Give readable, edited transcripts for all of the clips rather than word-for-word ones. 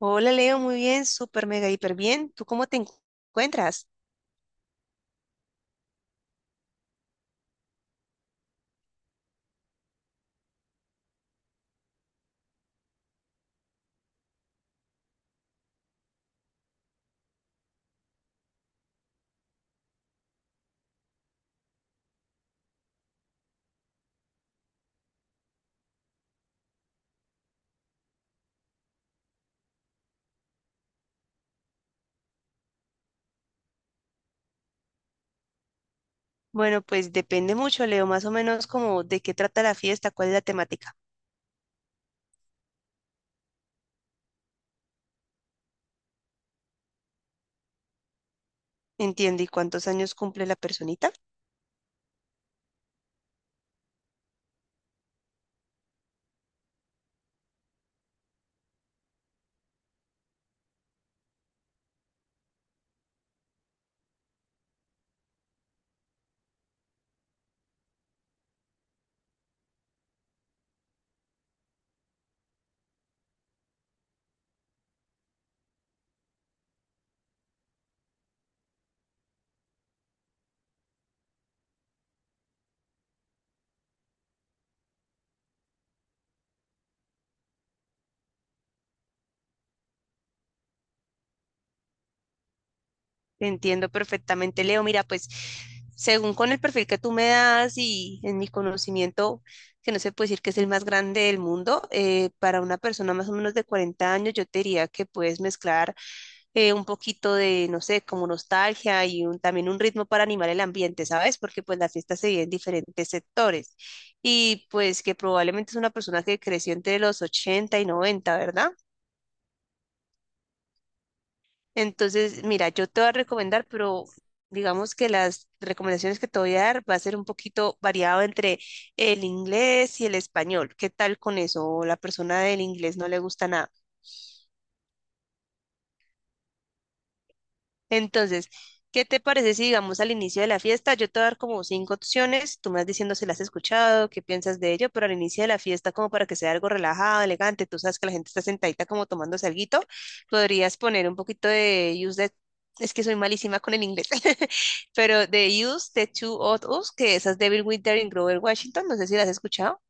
Hola Leo, muy bien, súper mega hiper bien. ¿Tú cómo te encuentras? Bueno, pues depende mucho, Leo, más o menos como de qué trata la fiesta, cuál es la temática. Entiendo, ¿y cuántos años cumple la personita? Te entiendo perfectamente, Leo. Mira, pues según con el perfil que tú me das y en mi conocimiento, que no se puede decir que es el más grande del mundo, para una persona más o menos de 40 años, yo te diría que puedes mezclar. Un poquito de, no sé, como nostalgia y también un ritmo para animar el ambiente, ¿sabes? Porque pues las fiestas se viven en diferentes sectores y pues que probablemente es una persona que creció entre los 80 y noventa, ¿verdad? Entonces, mira, yo te voy a recomendar, pero digamos que las recomendaciones que te voy a dar va a ser un poquito variado entre el inglés y el español. ¿Qué tal con eso? ¿O la persona del inglés no le gusta nada? Entonces, ¿qué te parece si digamos al inicio de la fiesta? Yo te voy a dar como cinco opciones, tú me vas diciendo si las has escuchado, qué piensas de ello, pero al inicio de la fiesta, como para que sea algo relajado, elegante, tú sabes que la gente está sentadita como tomándose alguito, podrías poner un poquito de Use the, es que soy malísima con el inglés, pero de Use the Two of Us, que esa es de Bill Winter en Grover Washington, no sé si las has escuchado,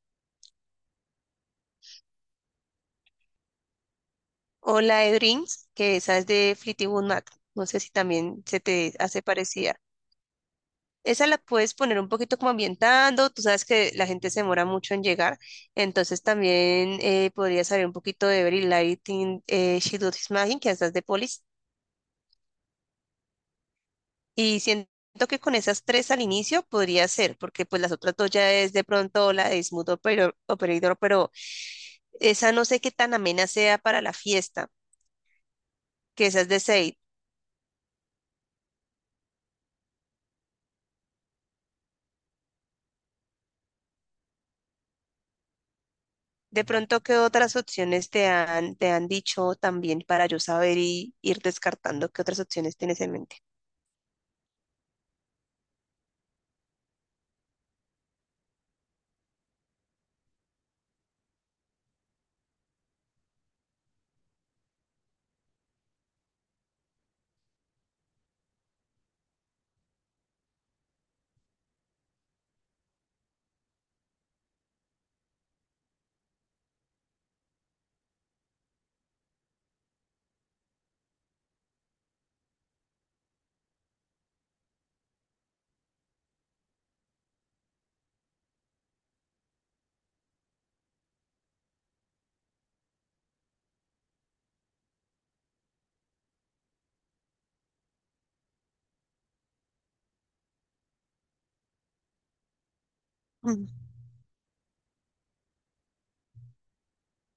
o la de Dreams, que esa es de Fleetwood Mac, no sé si también se te hace parecida. Esa la puedes poner un poquito como ambientando, tú sabes que la gente se demora mucho en llegar, entonces también podría salir un poquito de Very Lighting, She Do This Magic, que estás de Polis, y siento que con esas tres al inicio podría ser, porque pues las otras dos ya es de pronto la de Smooth Operator, pero esa no sé qué tan amena sea para la fiesta, que esa es de Seid. De pronto, ¿qué otras opciones te han dicho también para yo saber y ir descartando qué otras opciones tienes en mente?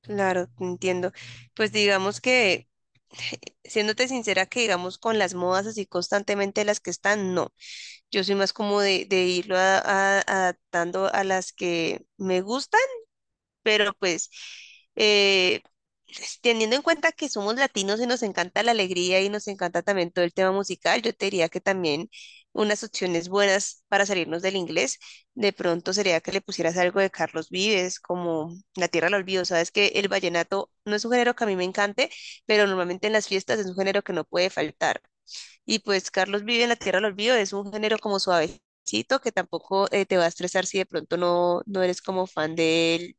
Claro, te entiendo. Pues digamos que, siéndote sincera, que digamos con las modas así constantemente las que están, no. Yo soy más como de irlo adaptando a las que me gustan, pero pues eh, teniendo en cuenta que somos latinos y nos encanta la alegría y nos encanta también todo el tema musical, yo te diría que también unas opciones buenas para salirnos del inglés, de pronto sería que le pusieras algo de Carlos Vives, como La Tierra del Olvido. Sabes que el vallenato no es un género que a mí me encante, pero normalmente en las fiestas es un género que no puede faltar. Y pues Carlos Vives en La Tierra del Olvido es un género como suavecito que tampoco te va a estresar si de pronto no eres como fan de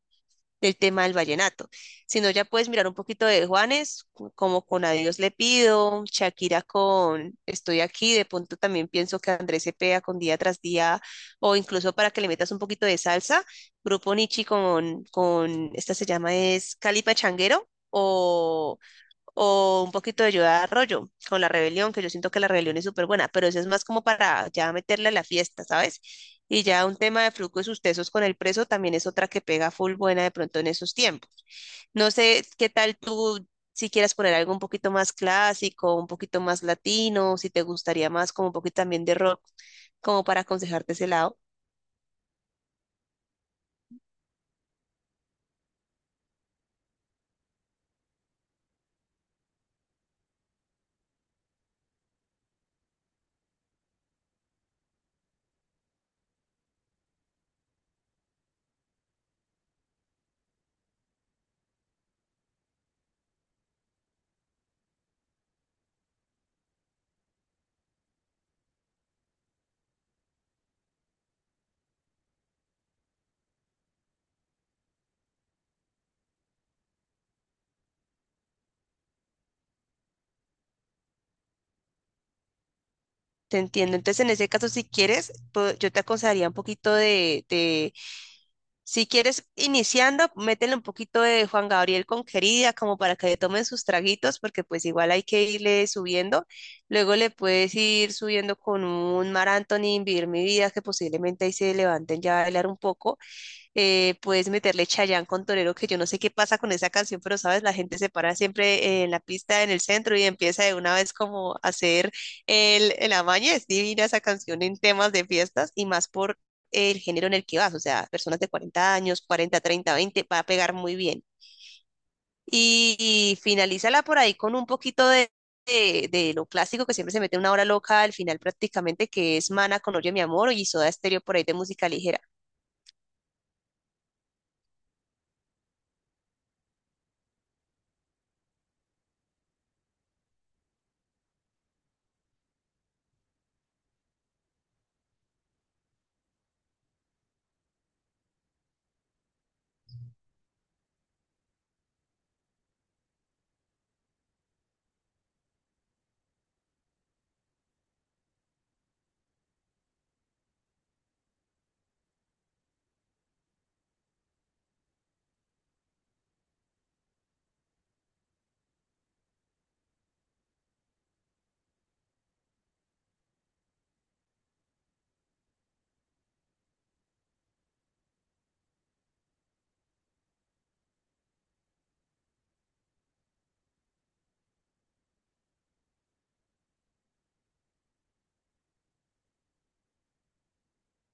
del tema del vallenato. Si no, ya puedes mirar un poquito de Juanes, como con Adiós le pido, Shakira con Estoy aquí, de pronto también pienso que Andrés Cepeda con Día tras Día, o incluso para que le metas un poquito de salsa, Grupo Nichi con esta se llama es Cali Pachanguero, o un poquito de Yoda Arroyo con la rebelión, que yo siento que la rebelión es súper buena, pero eso es más como para ya meterle a la fiesta, ¿sabes? Y ya un tema de flujo y sus tesos con el preso también es otra que pega full buena de pronto en esos tiempos. No sé qué tal tú, si quieras poner algo un poquito más clásico, un poquito más latino, si te gustaría más como un poquito también de rock, como para aconsejarte ese lado. Te entiendo. Entonces, en ese caso, si quieres, yo te aconsejaría un poquito si quieres, iniciando, métele un poquito de Juan Gabriel con Querida, como para que le tomen sus traguitos, porque pues igual hay que irle subiendo. Luego le puedes ir subiendo con un Mar Anthony, Vivir mi vida, que posiblemente ahí se levanten ya a bailar un poco, puedes meterle Chayanne con Torero, que yo no sé qué pasa con esa canción, pero sabes, la gente se para siempre en la pista, en el centro y empieza de una vez como a hacer el amaño. Es divina esa canción en temas de fiestas y más por el género en el que vas, o sea, personas de 40 años, 40, 30, 20, va a pegar muy bien. Y finalízala por ahí con un poquito de lo clásico que siempre se mete una hora loca al final prácticamente, que es Mana con Oye mi amor y Soda Stereo por ahí de música ligera.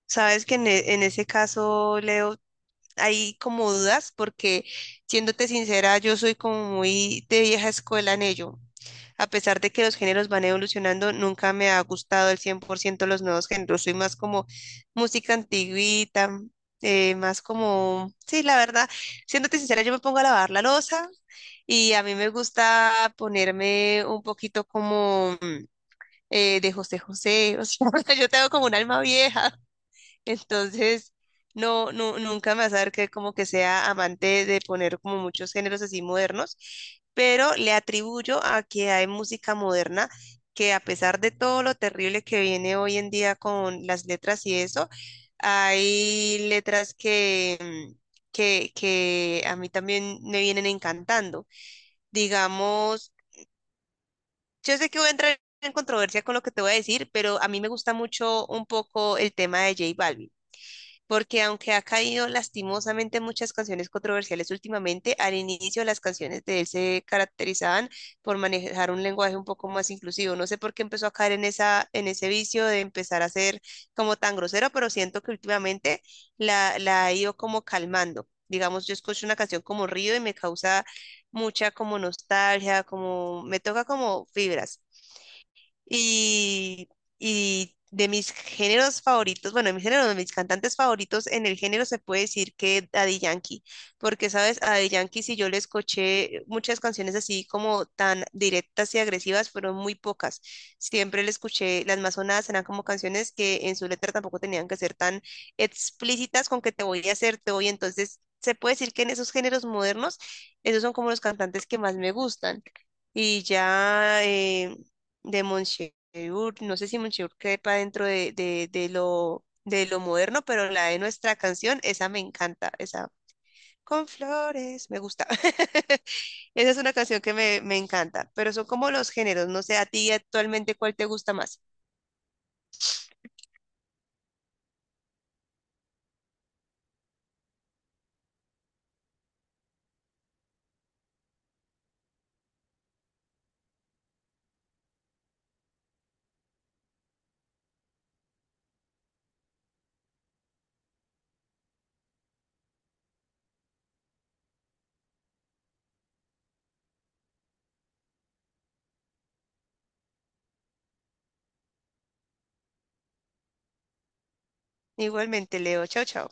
Sabes que en ese caso, Leo, hay como dudas porque, siéndote sincera, yo soy como muy de vieja escuela en ello. A pesar de que los géneros van evolucionando, nunca me ha gustado el 100% los nuevos géneros. Soy más como música antigüita, más como, sí, la verdad, siéndote sincera, yo me pongo a lavar la loza y a mí me gusta ponerme un poquito como de José José, o sea, yo tengo como un alma vieja, entonces no, no, nunca me vas a ver que como que sea amante de poner como muchos géneros así modernos, pero le atribuyo a que hay música moderna que a pesar de todo lo terrible que viene hoy en día con las letras y eso, hay letras que que a mí también me vienen encantando. Digamos, yo sé que voy a entrar en controversia con lo que te voy a decir, pero a mí me gusta mucho un poco el tema de J Balvin, porque aunque ha caído lastimosamente en muchas canciones controversiales últimamente, al inicio las canciones de él se caracterizaban por manejar un lenguaje un poco más inclusivo. No sé por qué empezó a caer en esa, en ese vicio de empezar a ser como tan grosero, pero siento que últimamente la ha ido como calmando. Digamos, yo escucho una canción como Río y me causa mucha como nostalgia, como me toca como fibras. Y, y de mis géneros favoritos, bueno, de mis géneros, de mis cantantes favoritos en el género se puede decir que Daddy Yankee, porque sabes, a Daddy Yankee si yo le escuché muchas canciones así como tan directas y agresivas, fueron muy pocas. Siempre le escuché, las más sonadas eran como canciones que en su letra tampoco tenían que ser tan explícitas con que te voy a hacer, te voy, entonces se puede decir que en esos géneros modernos, esos son como los cantantes que más me gustan. Y ya, de Moncheur, no sé si Moncheur quepa dentro de lo moderno, pero la de nuestra canción, esa me encanta, esa con flores, me gusta. Esa es una canción que me encanta, pero son como los géneros, no sé, a ti actualmente cuál te gusta más. Igualmente, Leo, chao, chao.